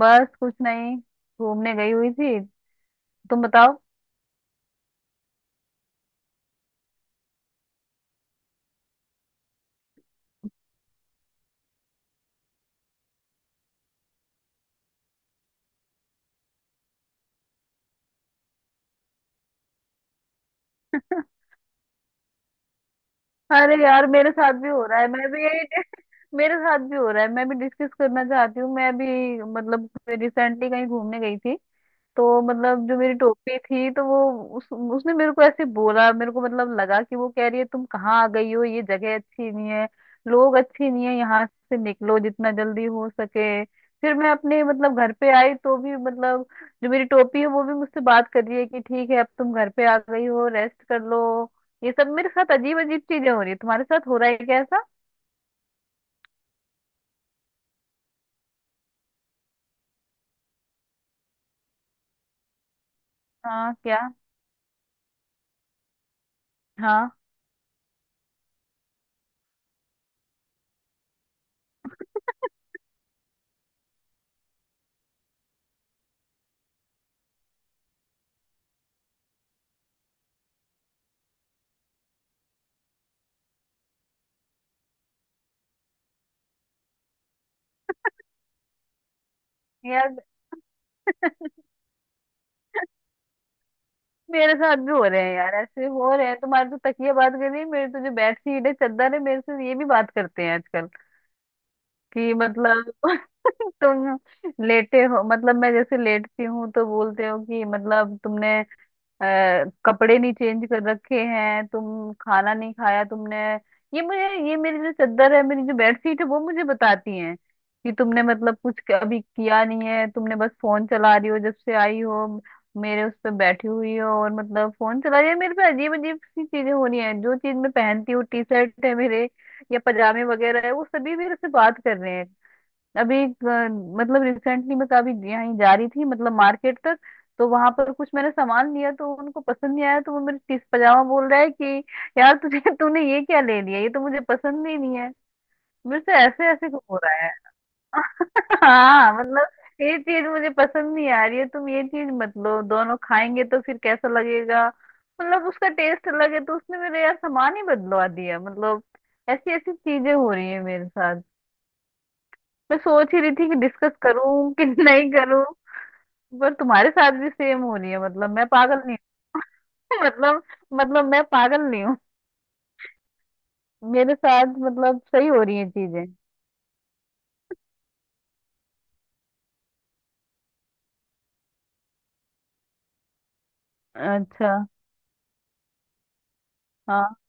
बस कुछ नहीं। घूमने गई हुई थी। तुम बताओ। अरे यार, मेरे साथ भी हो रहा है। मैं भी यही मेरे साथ भी हो रहा है। मैं भी डिस्कस करना चाहती हूँ। मैं भी मतलब रिसेंटली कहीं घूमने गई थी, तो मतलब जो मेरी टोपी थी, तो वो उसने मेरे को ऐसे बोला, मेरे को मतलब लगा कि वो कह रही है तुम कहाँ आ गई हो, ये जगह अच्छी नहीं है, लोग अच्छे नहीं है, यहाँ से निकलो जितना जल्दी हो सके। फिर मैं अपने मतलब घर पे आई, तो भी मतलब जो मेरी टोपी है वो भी मुझसे बात कर रही है कि ठीक है, अब तुम घर पे आ गई हो, रेस्ट कर लो। ये सब मेरे साथ अजीब अजीब चीजें हो रही है। तुम्हारे साथ हो रहा है क्या ऐसा? हाँ क्या? हाँ, यार मेरे साथ भी हो रहे हैं यार, ऐसे हो रहे हैं। तुम्हारे तो तकिया बात कर रही है, मेरे तो जो बेडशीट है, चादर है, मेरे से ये भी बात करते हैं आजकल। कि मतलब तुम लेटे हो, मतलब मैं जैसे लेटती हूँ तो बोलते हो कि मतलब तुमने अ, कपड़े नहीं चेंज कर रखे हैं, तुम खाना नहीं खाया तुमने। ये मुझे ये मेरी जो चद्दर है, मेरी जो बेडशीट है, वो मुझे बताती हैं कि तुमने मतलब कुछ अभी किया नहीं है, तुमने बस फोन चला रही हो जब से आई हो, मेरे उस पे बैठी हुई हो और मतलब फोन चला रही है। मेरे पे अजीब अजीब सी चीजें हो रही हैं, जो चीज मैं पहनती हूँ, टी शर्ट है मेरे या पजामे वगैरह है, वो सभी मेरे से बात कर रहे हैं। अभी मतलब रिसेंटली मैं कभी यहाँ जा रही थी मतलब मार्केट तक, तो वहां पर कुछ मैंने सामान लिया, तो उनको पसंद नहीं आया, तो वो मेरे टीस पजामा बोल रहा है कि यार तुझे तूने ये क्या ले लिया, ये तो मुझे पसंद ही नहीं है। मेरे से ऐसे ऐसे क्यों हो रहा है? हाँ, मतलब ये चीज मुझे पसंद नहीं आ रही है, तुम ये चीज मत लो, दोनों खाएंगे तो फिर कैसा लगेगा। मतलब उसका टेस्ट अलग है, तो उसने मेरे यार सामान ही बदलवा दिया। मतलब ऐसी ऐसी चीजें हो रही है मेरे साथ। मैं सोच ही रही थी कि डिस्कस करूं कि नहीं करूं, पर तुम्हारे साथ भी सेम हो रही है, मतलब मैं पागल नहीं हूं। मतलब मतलब मैं पागल नहीं हूँ, मेरे साथ मतलब सही हो रही है चीजें। अच्छा। हाँ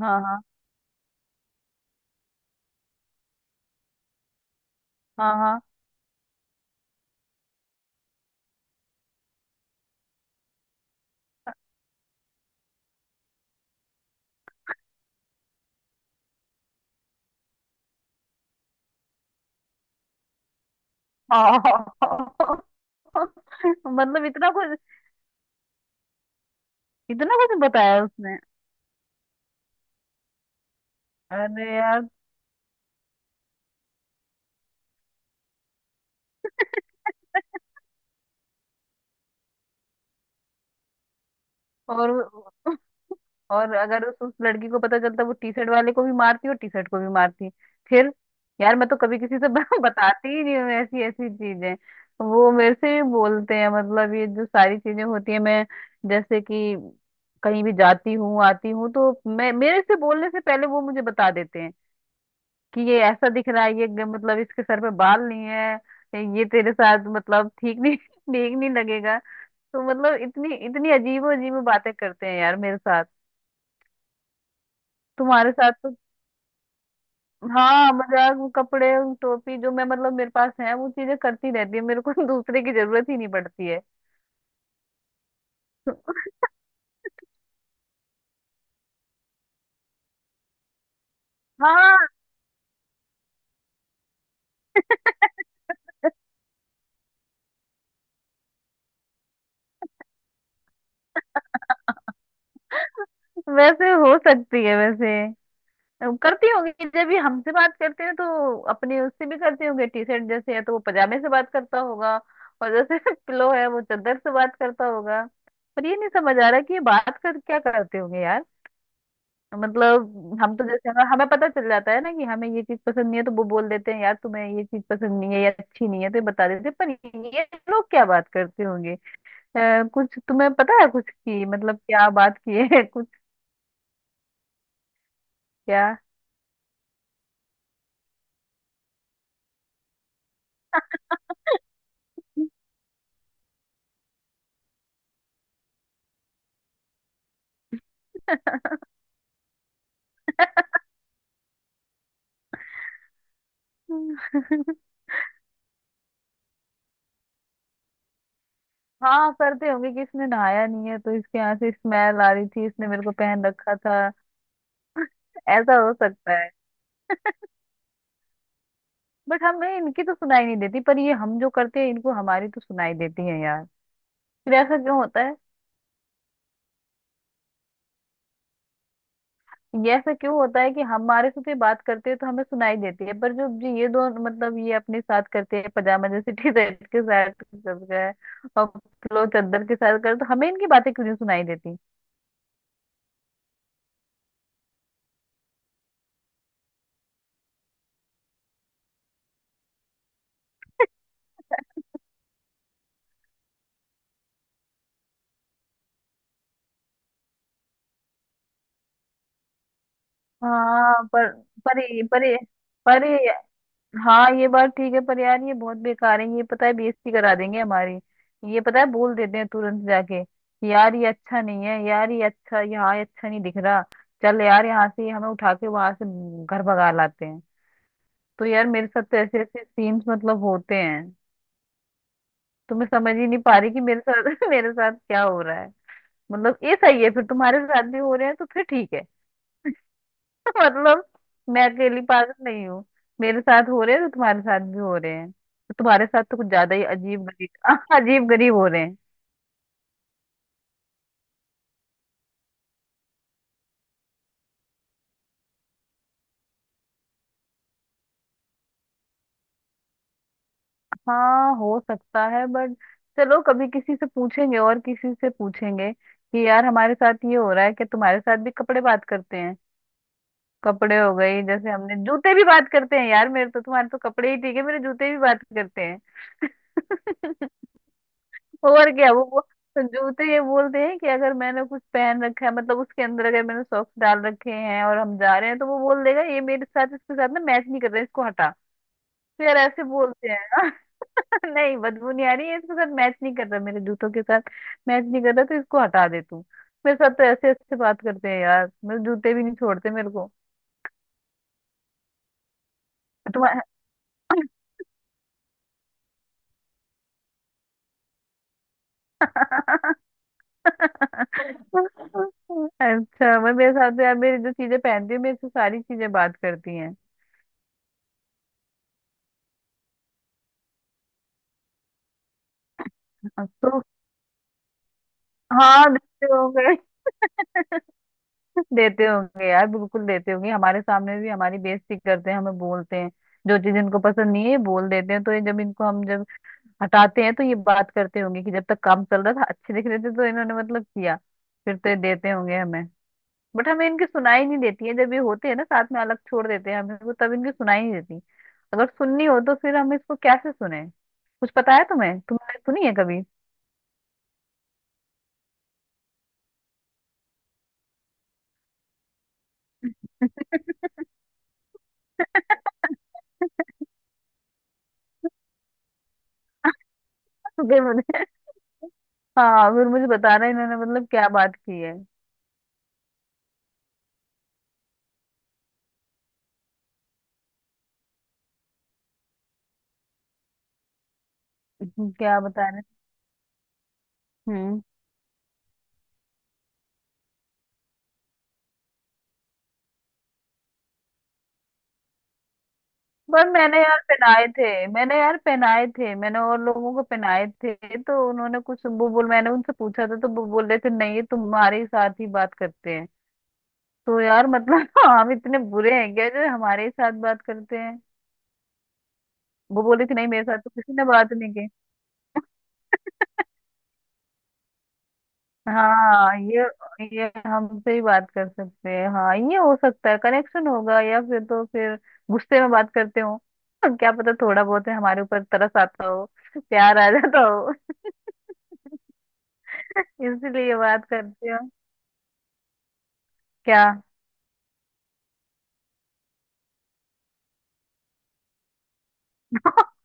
हाँ। हाँ हाँ। हाँ हाँ। मतलब इतना कुछ, इतना कुछ बताया उसने? अरे यार। और और अगर उस लड़की को पता चलता, वो टी शर्ट वाले को भी मारती और टी शर्ट को भी मारती फिर। यार मैं तो कभी किसी से बताती ही नहीं हूँ ऐसी ऐसी चीजें। वो मेरे से भी बोलते हैं, मतलब ये जो सारी चीजें होती है, मैं जैसे कि कहीं भी जाती हूँ आती हूँ, तो मैं मेरे से बोलने से पहले वो मुझे बता देते हैं कि ये ऐसा दिख रहा है, ये मतलब इसके सर पे बाल नहीं है, ये तेरे साथ मतलब ठीक नहीं ठीक नहीं लगेगा। तो मतलब इतनी इतनी अजीबो अजीब बातें करते हैं यार मेरे साथ। तुम्हारे साथ तो हाँ मजाक, वो कपड़े, वो टोपी जो मैं मतलब मेरे पास है, वो चीजें करती रहती है मेरे को, दूसरे की जरूरत ही नहीं पड़ती है। हाँ। वैसे हो सकती है, वैसे करती होगी, जब भी हमसे बात करते हैं तो अपने उससे भी करते होंगे। टी शर्ट जैसे है तो वो पजामे से बात करता होगा, और जैसे पिलो है वो चादर से बात करता होगा। पर ये नहीं समझ आ रहा कि ये बात कर क्या करते होंगे यार। मतलब हम तो जैसे हमें हमें पता चल जाता है ना कि हमें ये चीज पसंद नहीं है, तो वो बोल देते हैं यार तुम्हें ये चीज पसंद नहीं है या अच्छी नहीं है, तो ये बता देते हैं, पर ये लोग क्या बात करते होंगे? कुछ तुम्हें पता है कुछ की मतलब क्या बात की है कुछ? क्या? हाँ, करते होंगे कि इसने नहाया नहीं है तो इसके यहाँ से स्मेल आ रही थी, इसने मेरे को पहन रखा था। ऐसा हो सकता है, बट हमें इनकी तो सुनाई नहीं देती, पर ये हम जो करते हैं इनको, हमारी तो सुनाई देती है यार। फिर ऐसा क्यों होता है? ये ऐसा क्यों होता है कि हमारे साथ ये बात करते हैं तो हमें सुनाई देती है, पर जो जो ये दो मतलब ये अपने साथ करते हैं, पजामा जैसे टी शर्ट के साथ करते हैं और पिलो चादर के साथ करते, तो हमें इनकी बातें क्यों नहीं सुनाई देती? हाँ पर पर ये- पर ये- पर ये- हाँ, ये बात ठीक है, पर यार ये बहुत बेकार है, ये पता है बेइज्जती करा देंगे हमारी, ये पता है बोल देते हैं तुरंत जाके, यार ये अच्छा नहीं है, यार ये अच्छा, यहाँ ये अच्छा नहीं दिख रहा, चल यार यहाँ से, हमें उठा के वहां से घर भगा लाते हैं। तो यार मेरे साथ तो ऐसे ऐसे सीन्स मतलब होते हैं। तो मैं समझ ही नहीं पा रही कि मेरे साथ मेरे साथ क्या हो रहा है। मतलब ये सही है फिर, तुम्हारे साथ भी हो रहे हैं तो फिर ठीक है। मतलब मैं अकेली पागल नहीं हूँ। मेरे साथ हो रहे हैं तो तुम्हारे साथ भी हो रहे हैं, तो तुम्हारे साथ तो कुछ ज्यादा ही अजीब गरीब अजीब गरीब हो रहे हैं। हाँ, हो सकता है, बट चलो कभी किसी से पूछेंगे, और किसी से पूछेंगे कि यार हमारे साथ ये हो रहा है कि तुम्हारे साथ भी कपड़े बात करते हैं। कपड़े हो गई, जैसे हमने जूते भी बात करते हैं यार मेरे तो। तुम्हारे तो कपड़े ही ठीक है, मेरे जूते भी बात करते हैं। और क्या वो तो जूते ये बोलते हैं कि अगर मैंने कुछ पहन रखा है, मतलब उसके अंदर अगर मैंने सॉक्स डाल रखे हैं और हम जा रहे हैं, तो वो बोल देगा ये मेरे साथ, इसके साथ ना मैच नहीं कर रहा, इसको हटा। तो यार ऐसे बोलते हैं ना। नहीं बदबू नहीं आ रही है, इसके साथ मैच नहीं कर रहा, मेरे जूतों के साथ मैच नहीं कर रहा, तो इसको हटा दे तू। मेरे साथ तो ऐसे ऐसे बात करते हैं यार, मेरे जूते भी नहीं छोड़ते मेरे को। तुम्हारा। अच्छा, मैं मेरे साथ तो यार मेरी जो चीजें पहनती हूँ, मेरे से सारी चीजें बात करती हैं। तो हाँ, देते होंगे। देते होंगे यार, बिल्कुल देते होंगे, हमारे सामने भी हमारी बेइज्जती करते हैं, हमें बोलते हैं जो चीज इनको पसंद नहीं है ये बोल देते हैं। तो ये जब इनको हम जब हटाते हैं, तो ये बात करते होंगे कि जब तक काम चल रहा था अच्छे दिख रहे थे, तो इन्होंने मतलब किया, फिर तो ये देते होंगे हमें। बट हमें इनकी सुनाई नहीं देती है, जब ये होते हैं ना साथ में, अलग छोड़ देते हैं हमें को, तब इनकी सुनाई नहीं देती। अगर सुननी हो तो फिर हम इसको कैसे सुने? कुछ पता है तुम्हें, तुमने सुनी है कभी? फिर मुझे, हाँ फिर मुझे बता रहे इन्होंने मतलब क्या बात की है। क्या बता रहे? हम्म। पर मैंने यार पहनाए थे, मैंने यार पहनाए थे, मैंने और लोगों को पहनाए थे, तो उन्होंने कुछ वो बोल, मैंने उनसे पूछा था तो वो बोल रहे थे नहीं, ये तुम्हारे ही साथ ही बात करते हैं। तो यार मतलब हम इतने बुरे हैं क्या जो हमारे ही साथ बात करते हैं? वो बोली थी नहीं, मेरे साथ तो किसी ने बात नहीं की। हाँ ये हमसे ही बात कर सकते हैं, हाँ ये हो सकता है, कनेक्शन होगा। या फिर तो फिर गुस्से में बात करते हो? क्या पता, थोड़ा बहुत है हमारे ऊपर तरस आता हो, प्यार आ जाता हो। इसलिए बात करते हो? क्या?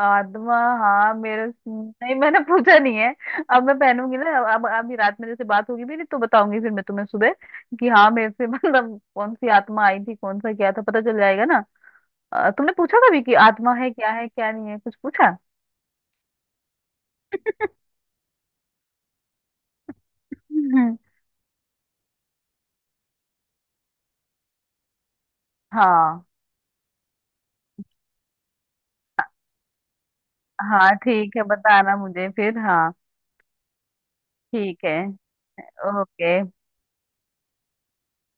आत्मा? हाँ मेरे नहीं, मैंने पूछा नहीं है। अब मैं पहनूंगी ना, अब अभी रात में जैसे बात होगी मेरी, तो बताऊंगी फिर मैं तुम्हें सुबह कि हाँ मेरे से मतलब कौन सी आत्मा आई थी, कौन सा क्या था, पता चल जाएगा ना। तुमने पूछा कभी कि आत्मा है क्या, है क्या नहीं है, कुछ पूछा? हम्म। हाँ। हाँ ठीक है, बताना मुझे फिर, हाँ। ठीक है। ओके।